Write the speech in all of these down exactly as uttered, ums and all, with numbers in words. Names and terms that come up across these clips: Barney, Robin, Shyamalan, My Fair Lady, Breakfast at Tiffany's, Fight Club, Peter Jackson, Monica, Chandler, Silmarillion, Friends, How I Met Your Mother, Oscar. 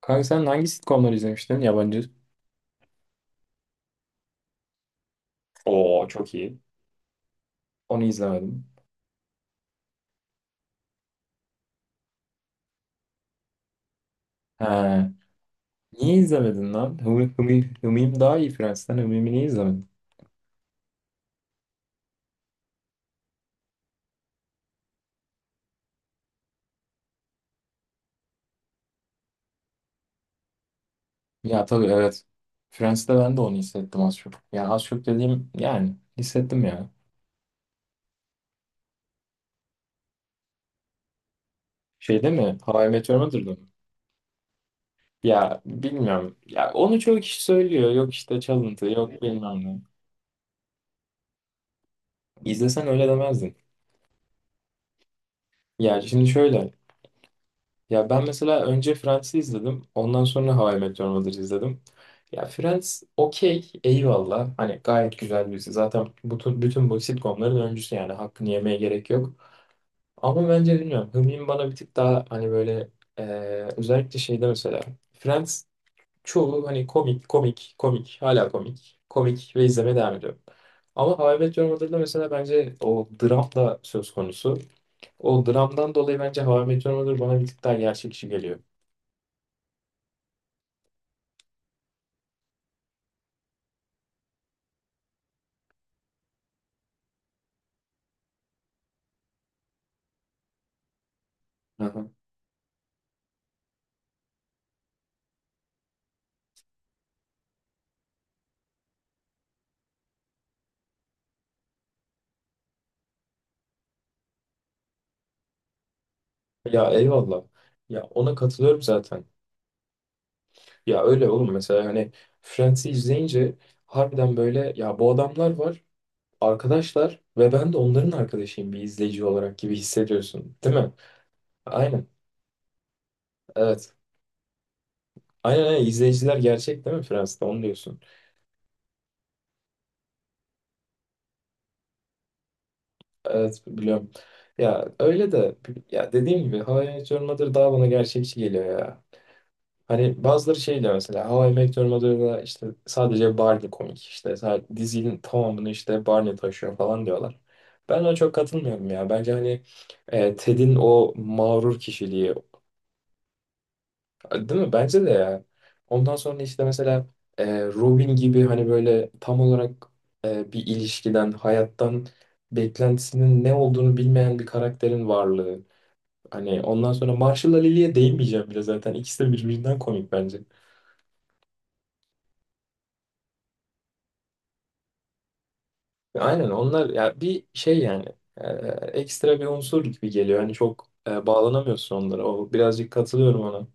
Kanka sen hangi sitcomları izlemiştin yabancı? Oo, çok iyi. Onu izlemedim. Ha, niye izlemedin lan? Hımim, Hımim, Hımim daha iyi Friends'ten. Hımim'i niye izlemedin? Ya tabii, evet. Friends'te ben de onu hissettim az çok. Yani az çok dediğim yani hissettim ya. Şeyde mi? How I Met Your Mother'da mı? Ya bilmiyorum. Ya onu çoğu kişi söylüyor. Yok işte çalıntı, yok bilmem ne. İzlesen öyle demezdin. Ya şimdi şöyle. Ya ben mesela önce Friends'i izledim. Ondan sonra How I Met Your Mother'ı izledim. Ya Friends okey, eyvallah. Hani gayet güzel bir dizi. Zaten bütün, bütün bu sitcomların öncüsü yani. Hakkını yemeye gerek yok. Ama bence bilmiyorum. Hımim bana bir tık daha hani böyle e, özellikle şeyde mesela. Friends çoğu hani komik, komik, komik. Hala komik. Komik ve izlemeye devam ediyor. Ama How I Met Your Mother'da mesela bence o dram da söz konusu. O dramdan dolayı bence How I Met Your Mother bana bir tık daha gerçekçi geliyor. Aha. Ya eyvallah. Ya ona katılıyorum zaten. Ya öyle oğlum, mesela hani Friends'i izleyince harbiden böyle ya bu adamlar var, arkadaşlar ve ben de onların arkadaşıyım bir izleyici olarak gibi hissediyorsun, değil mi? Aynen. Evet. Aynen, aynen, izleyiciler gerçek, değil mi Friends'te, onu diyorsun. Evet, biliyorum. Ya öyle de ya dediğim gibi How I Met Your Mother daha bana gerçekçi geliyor ya. Hani bazıları şey diyor mesela, How I Met Your Mother'da işte sadece Barney komik, işte sa- dizinin tamamını işte Barney taşıyor falan diyorlar. Ben ona çok katılmıyorum ya. Bence hani e, Ted'in o mağrur kişiliği, değil mi? Bence de ya. Ondan sonra işte mesela e, Robin gibi hani böyle tam olarak e, bir ilişkiden, hayattan beklentisinin ne olduğunu bilmeyen bir karakterin varlığı. Hani ondan sonra Marshall'la Lily'ye değinmeyeceğim bile zaten. İkisi de birbirinden komik bence. Aynen, onlar ya bir şey yani e, ekstra bir unsur gibi geliyor. Hani çok e, bağlanamıyorsun onlara. O birazcık katılıyorum ona.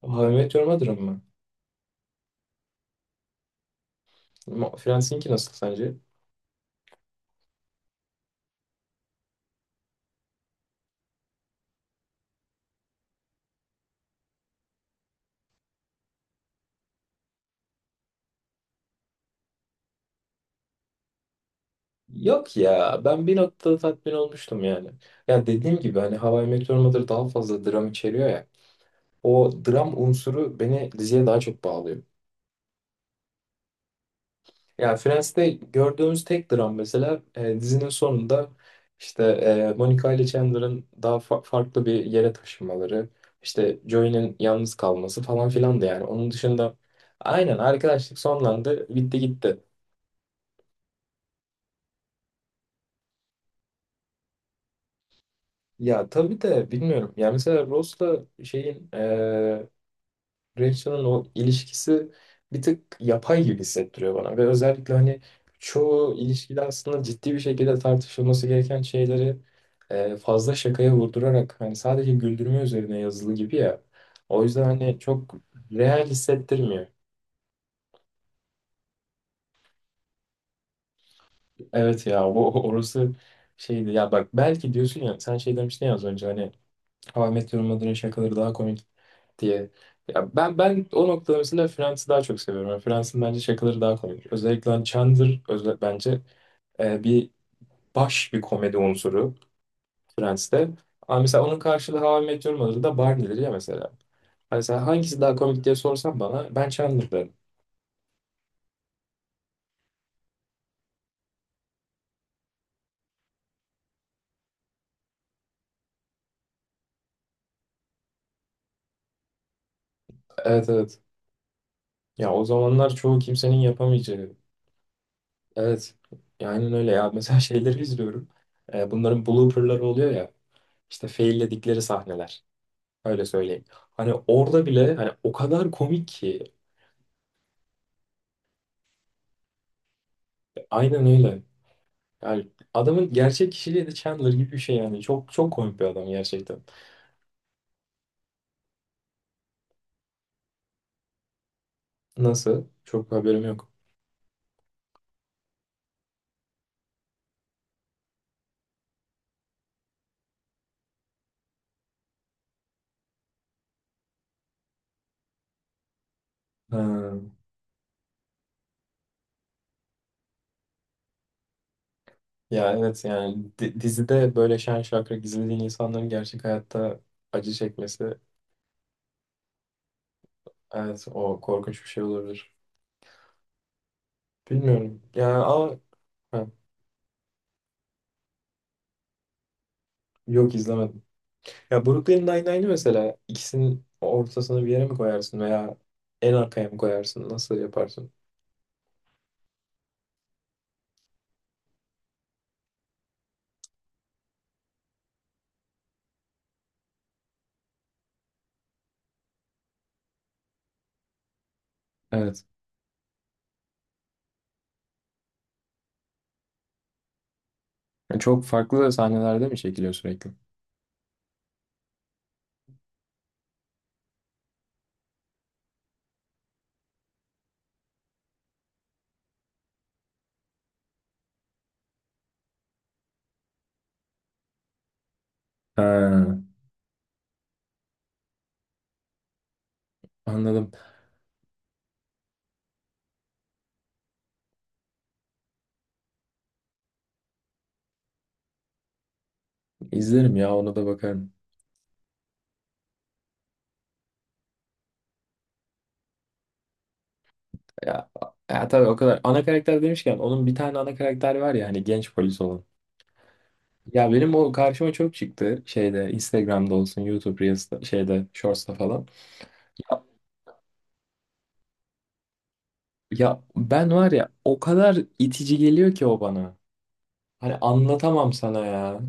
How I Met Your Mother'ın mı? Ma- Friends'inki nasıl sence? Yok ya, ben bir noktada tatmin olmuştum yani. Ya dediğim gibi hani How I Met Your Mother daha fazla dram içeriyor ya. O dram unsuru beni diziye daha çok bağlıyor. Ya Friends'te gördüğümüz tek dram mesela e, dizinin sonunda işte e, Monica ile Chandler'ın daha fa- farklı bir yere taşınmaları, işte Joey'nin yalnız kalması falan filan da yani. Onun dışında aynen, arkadaşlık sonlandı, bitti gitti. Ya tabii de bilmiyorum. Ya mesela Ross'la şeyin e, Rachel'ın o ilişkisi bir tık yapay gibi hissettiriyor bana ve özellikle hani çoğu ilişkide aslında ciddi bir şekilde tartışılması gereken şeyleri e, fazla şakaya vurdurarak hani sadece güldürme üzerine yazılı gibi ya. O yüzden hani çok real hissettirmiyor. Evet ya, o orası şeydi ya bak, belki diyorsun ya sen şey demiştin ya az önce hani, How I Met Your Mother'ın şakaları daha komik diye. Ya ben ben o noktada mesela Friends'i daha çok seviyorum. Yani Friends'in bence şakaları daha komik. Özellikle hani Chandler özel, bence e, bir baş bir komedi unsuru Friends'te. Ama mesela onun karşılığı How I Met Your Mother'da Barney'dir ya mesela. Hani sen hangisi daha komik diye sorsan bana ben Chandler derim. Evet, evet. Ya o zamanlar çoğu kimsenin yapamayacağı. Evet. Ya aynen öyle ya. Mesela şeyleri izliyorum. E, bunların blooperları oluyor ya. İşte failledikleri sahneler. Öyle söyleyeyim. Hani orada bile hani o kadar komik ki. Aynen öyle. Yani adamın gerçek kişiliği de Chandler gibi bir şey yani. Çok çok komik bir adam gerçekten. Nasıl? Çok haberim yok. Ha. Ya evet yani di- dizide böyle şen şakrak gizlediğin insanların gerçek hayatta acı çekmesi, evet, o korkunç bir şey olabilir. Bilmiyorum. Yani ama ha, yok, izlemedim. Ya Brooklyn Nine-Nine'i mesela ikisinin ortasını bir yere mi koyarsın veya en arkaya mı koyarsın? Nasıl yaparsın? Evet. Yani çok farklı sahnelerde mi çekiliyor sürekli? Ha. Anladım. İzlerim ya, ona da bakarım. Ya, ya tabii o kadar. Ana karakter demişken onun bir tane ana karakter var ya hani, genç polis olan. Ya benim o karşıma çok çıktı şeyde, Instagram'da olsun YouTube Reels'ta, şeyde Shorts'ta falan. Ya, ya ben var ya, o kadar itici geliyor ki o bana. Hani anlatamam sana ya.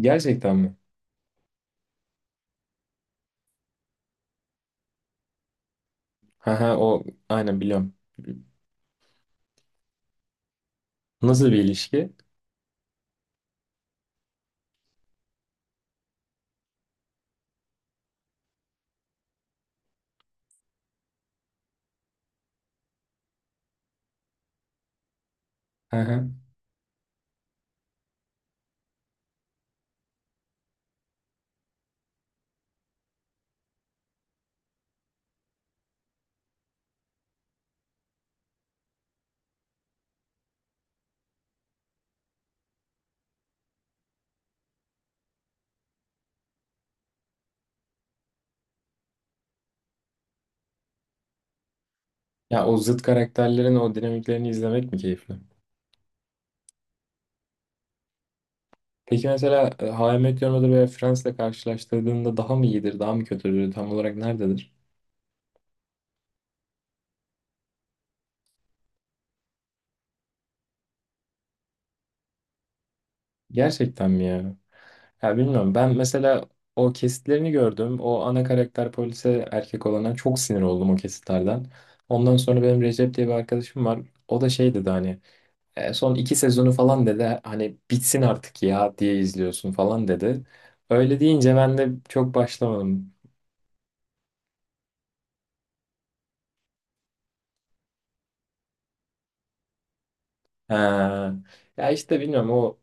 Gerçekten mi? Haha, o aynen biliyorum. Nasıl bir ilişki? Ya o zıt karakterlerin o dinamiklerini izlemek mi keyifli? Peki mesela e, How I Met Your Mother veya Friends'le karşılaştırdığında daha mı iyidir, daha mı kötüdür, tam olarak nerededir? Gerçekten mi ya? Ya bilmiyorum. Ben mesela o kesitlerini gördüm. O ana karakter polise, erkek olana çok sinir oldum o kesitlerden. Ondan sonra benim Recep diye bir arkadaşım var. O da şey dedi hani, "E, son iki sezonu falan" dedi hani, "bitsin artık ya diye izliyorsun falan" dedi. Öyle deyince ben de çok başlamadım. Ha. Ya işte bilmiyorum, o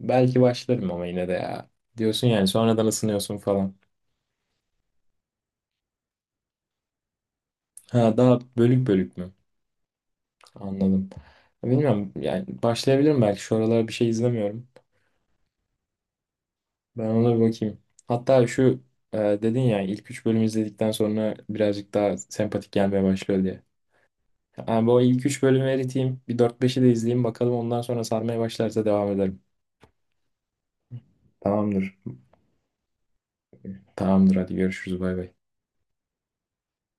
belki başlarım ama yine de ya. Diyorsun yani sonradan ısınıyorsun falan. Ha, daha bölük bölük mü? Anladım. Bilmiyorum yani, başlayabilirim belki, şu aralar bir şey izlemiyorum. Ben ona bir bakayım. Hatta şu e, dedin ya, ilk üç bölümü izledikten sonra birazcık daha sempatik gelmeye başlıyor diye. Yani bu ilk üç bölümü eriteyim. Bir dört beşi de izleyeyim, bakalım ondan sonra sarmaya başlarsa devam ederim. Tamamdır. Tamamdır, hadi görüşürüz, bay bay.